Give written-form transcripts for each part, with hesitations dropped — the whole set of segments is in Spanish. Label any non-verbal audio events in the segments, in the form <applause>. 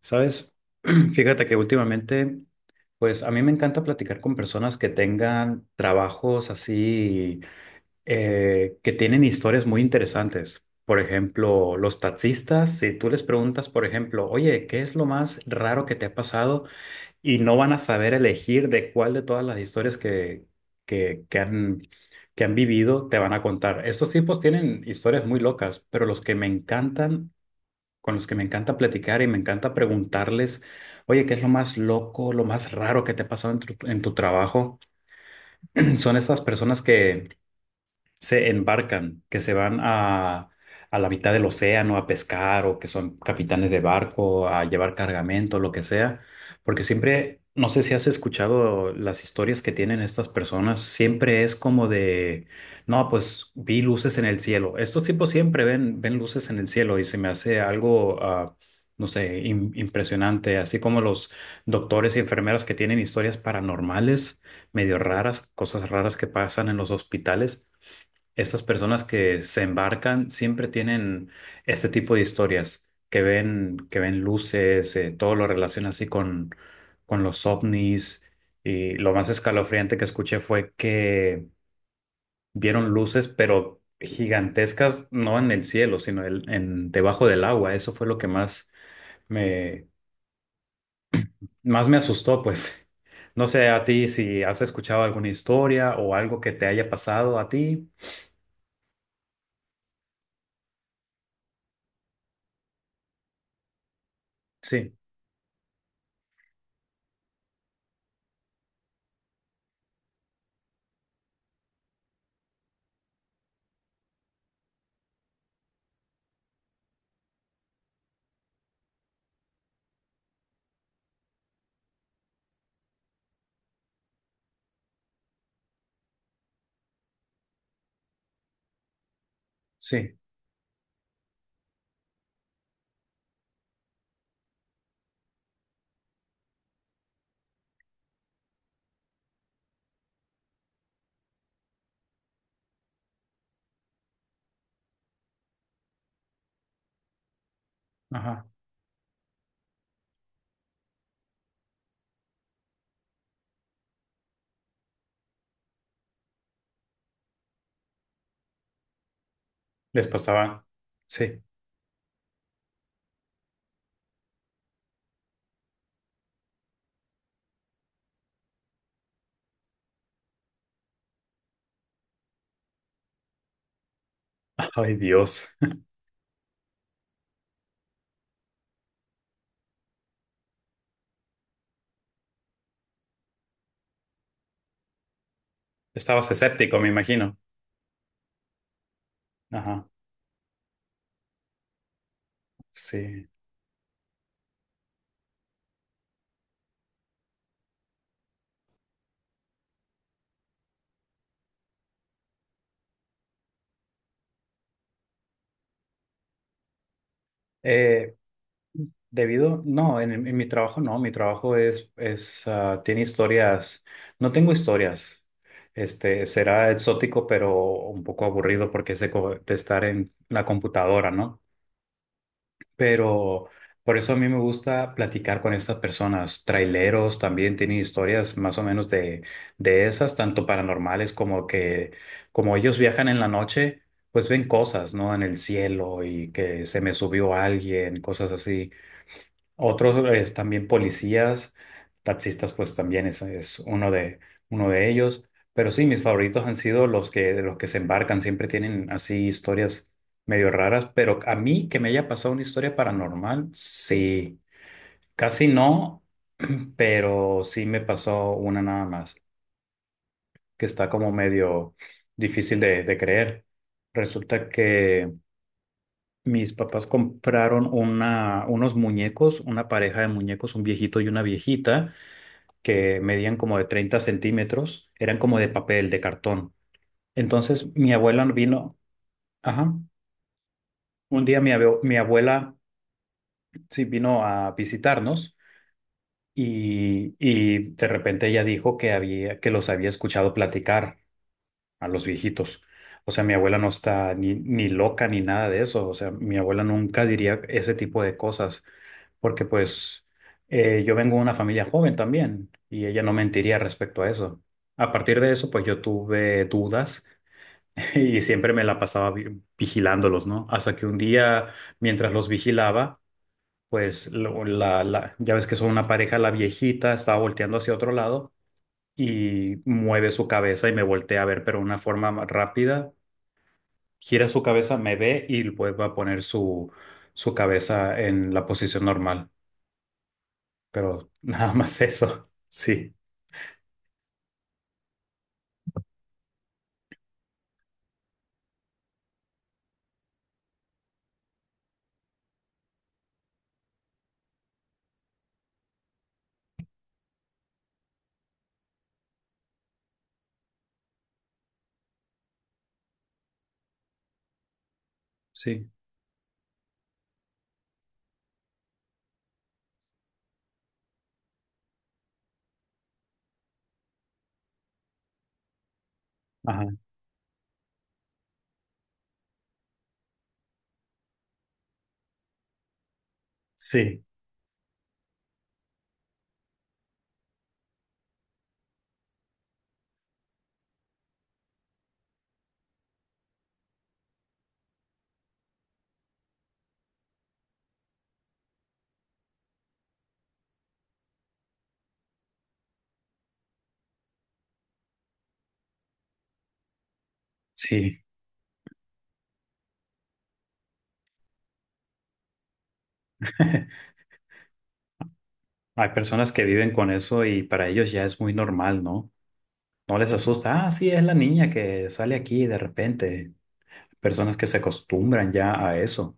Sabes, <clears throat> fíjate que últimamente, pues a mí me encanta platicar con personas que tengan trabajos así, que tienen historias muy interesantes. Por ejemplo, los taxistas, si tú les preguntas, por ejemplo, oye, ¿qué es lo más raro que te ha pasado? Y no van a saber elegir de cuál de todas las historias que, que han, que han vivido te van a contar. Estos tipos tienen historias muy locas, pero los que me encantan con los que me encanta platicar y me encanta preguntarles, oye, ¿qué es lo más loco, lo más raro que te ha pasado en tu trabajo? <clears throat> Son esas personas que se embarcan, que se van a la mitad del océano a pescar o que son capitanes de barco, a llevar cargamento, lo que sea, porque siempre, no sé si has escuchado las historias que tienen estas personas, siempre es como de, no, pues vi luces en el cielo. Estos tipos siempre ven luces en el cielo y se me hace algo... No sé, impresionante, así como los doctores y enfermeras que tienen historias paranormales, medio raras, cosas raras que pasan en los hospitales. Estas personas que se embarcan siempre tienen este tipo de historias que ven luces, todo lo relaciona así con los ovnis. Y lo más escalofriante que escuché fue que vieron luces, pero gigantescas, no en el cielo, sino en debajo del agua. Eso fue lo que más me, más me asustó, pues. <laughs> No sé a ti si has escuchado alguna historia o algo que te haya pasado a ti. Sí, sí. Ajá. Les pasaba. Sí. <laughs> Ay, Dios. Estabas escéptico, me imagino. Ajá. Sí. Eh, debido, no, en mi trabajo no. Mi trabajo es, tiene historias. No tengo historias. Este, será exótico, pero un poco aburrido porque es de, de estar en la computadora, ¿no? Pero por eso a mí me gusta platicar con estas personas. Traileros también tienen historias más o menos de esas, tanto paranormales como que, como ellos viajan en la noche, pues ven cosas, ¿no? En el cielo y que se me subió alguien, cosas así. Otros es también policías, taxistas, pues también es uno de ellos. Pero sí, mis favoritos han sido los que se embarcan, siempre tienen así historias medio raras. Pero a mí que me haya pasado una historia paranormal, sí, casi no, <clears throat> pero sí me pasó una nada más, que está como medio difícil de creer. Resulta que mis papás compraron unos muñecos, una pareja de muñecos, un viejito y una viejita que medían como de 30 cm, eran como de papel, de cartón. Entonces mi abuela no vino, ajá, un día mi abuela sí vino a visitarnos y de repente ella dijo que había, que los había escuchado platicar a los viejitos. O sea, mi abuela no está ni, ni loca ni nada de eso. O sea, mi abuela nunca diría ese tipo de cosas porque pues yo vengo de una familia joven también y ella no mentiría respecto a eso. A partir de eso, pues yo tuve dudas <laughs> y siempre me la pasaba vigilándolos, ¿no? Hasta que un día, mientras los vigilaba, pues ya ves que son una pareja, la viejita estaba volteando hacia otro lado y mueve su cabeza y me voltea a ver, pero de una forma rápida gira su cabeza, me ve y vuelve a poner su cabeza en la posición normal. Pero <laughs> nada más eso. Sí, sí. Ajá, sí, sí. <laughs> Hay personas que viven con eso y para ellos ya es muy normal, ¿no? No les asusta. Ah, sí, es la niña que sale aquí de repente. Personas que se acostumbran ya a eso.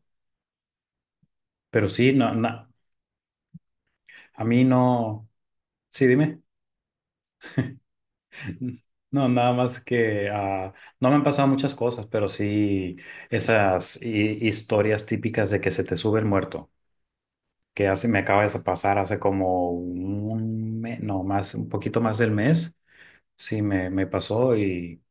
Pero sí, no, no, a mí no. Sí, dime. No, nada más que no me han pasado muchas cosas, pero sí esas historias típicas de que se te sube el muerto, que hace, me acaba de pasar hace como un mes, no, más, un poquito más del mes, sí me pasó y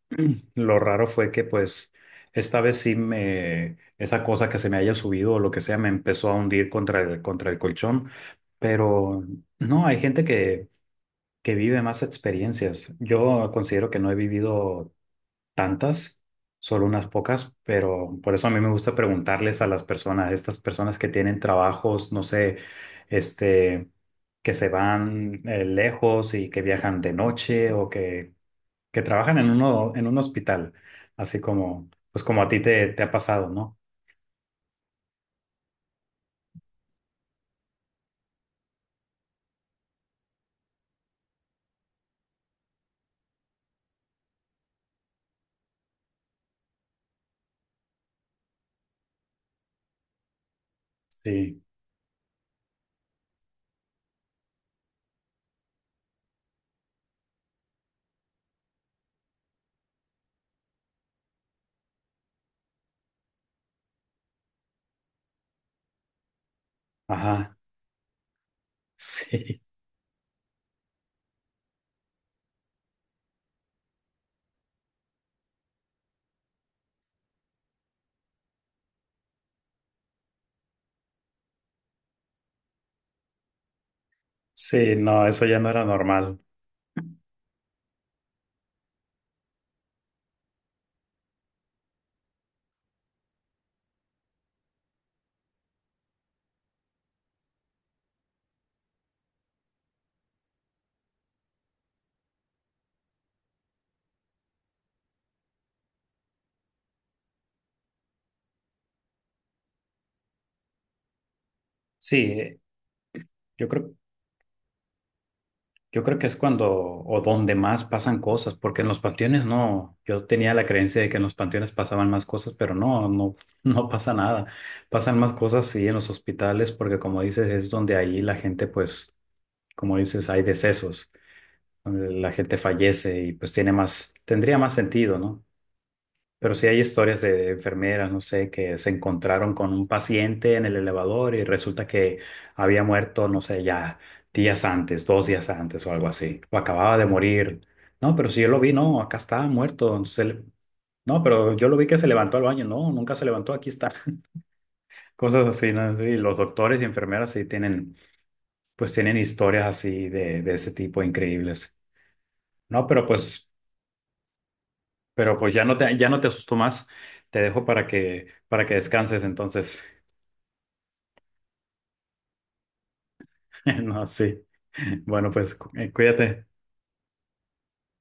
lo raro fue que pues esta vez sí esa cosa que se me haya subido o lo que sea me empezó a hundir contra contra el colchón, pero no, hay gente que vive más experiencias. Yo considero que no he vivido tantas, solo unas pocas, pero por eso a mí me gusta preguntarles a las personas, estas personas que tienen trabajos, no sé, este, que se van lejos y que viajan de noche o que trabajan en un hospital, así como, pues como a ti te ha pasado, ¿no? Sí, ajá, <laughs> sí, sí, no, eso ya no era normal. Sí, yo creo, yo creo que es cuando o donde más pasan cosas, porque en los panteones no, yo tenía la creencia de que en los panteones pasaban más cosas, pero no, no, <laughs> no pasa nada. Pasan más cosas sí en los hospitales, porque como dices, es donde ahí la gente, pues, como dices, hay decesos, donde la gente fallece y pues tiene más, tendría más sentido, ¿no? Pero sí hay historias de enfermeras, no sé, que se encontraron con un paciente en el elevador y resulta que había muerto, no sé, ya días antes, 2 días antes o algo así, o acababa de morir. No, pero si yo lo vi, no, acá está muerto. No, pero yo lo vi que se levantó al baño, no, nunca se levantó, aquí está. <laughs> Cosas así, ¿no? Sí, los doctores y enfermeras sí tienen, pues tienen historias así de ese tipo increíbles. No, pero pues ya no ya no te asusto más. Te dejo para que descanses entonces. <laughs> No, sí. Bueno, pues cuídate.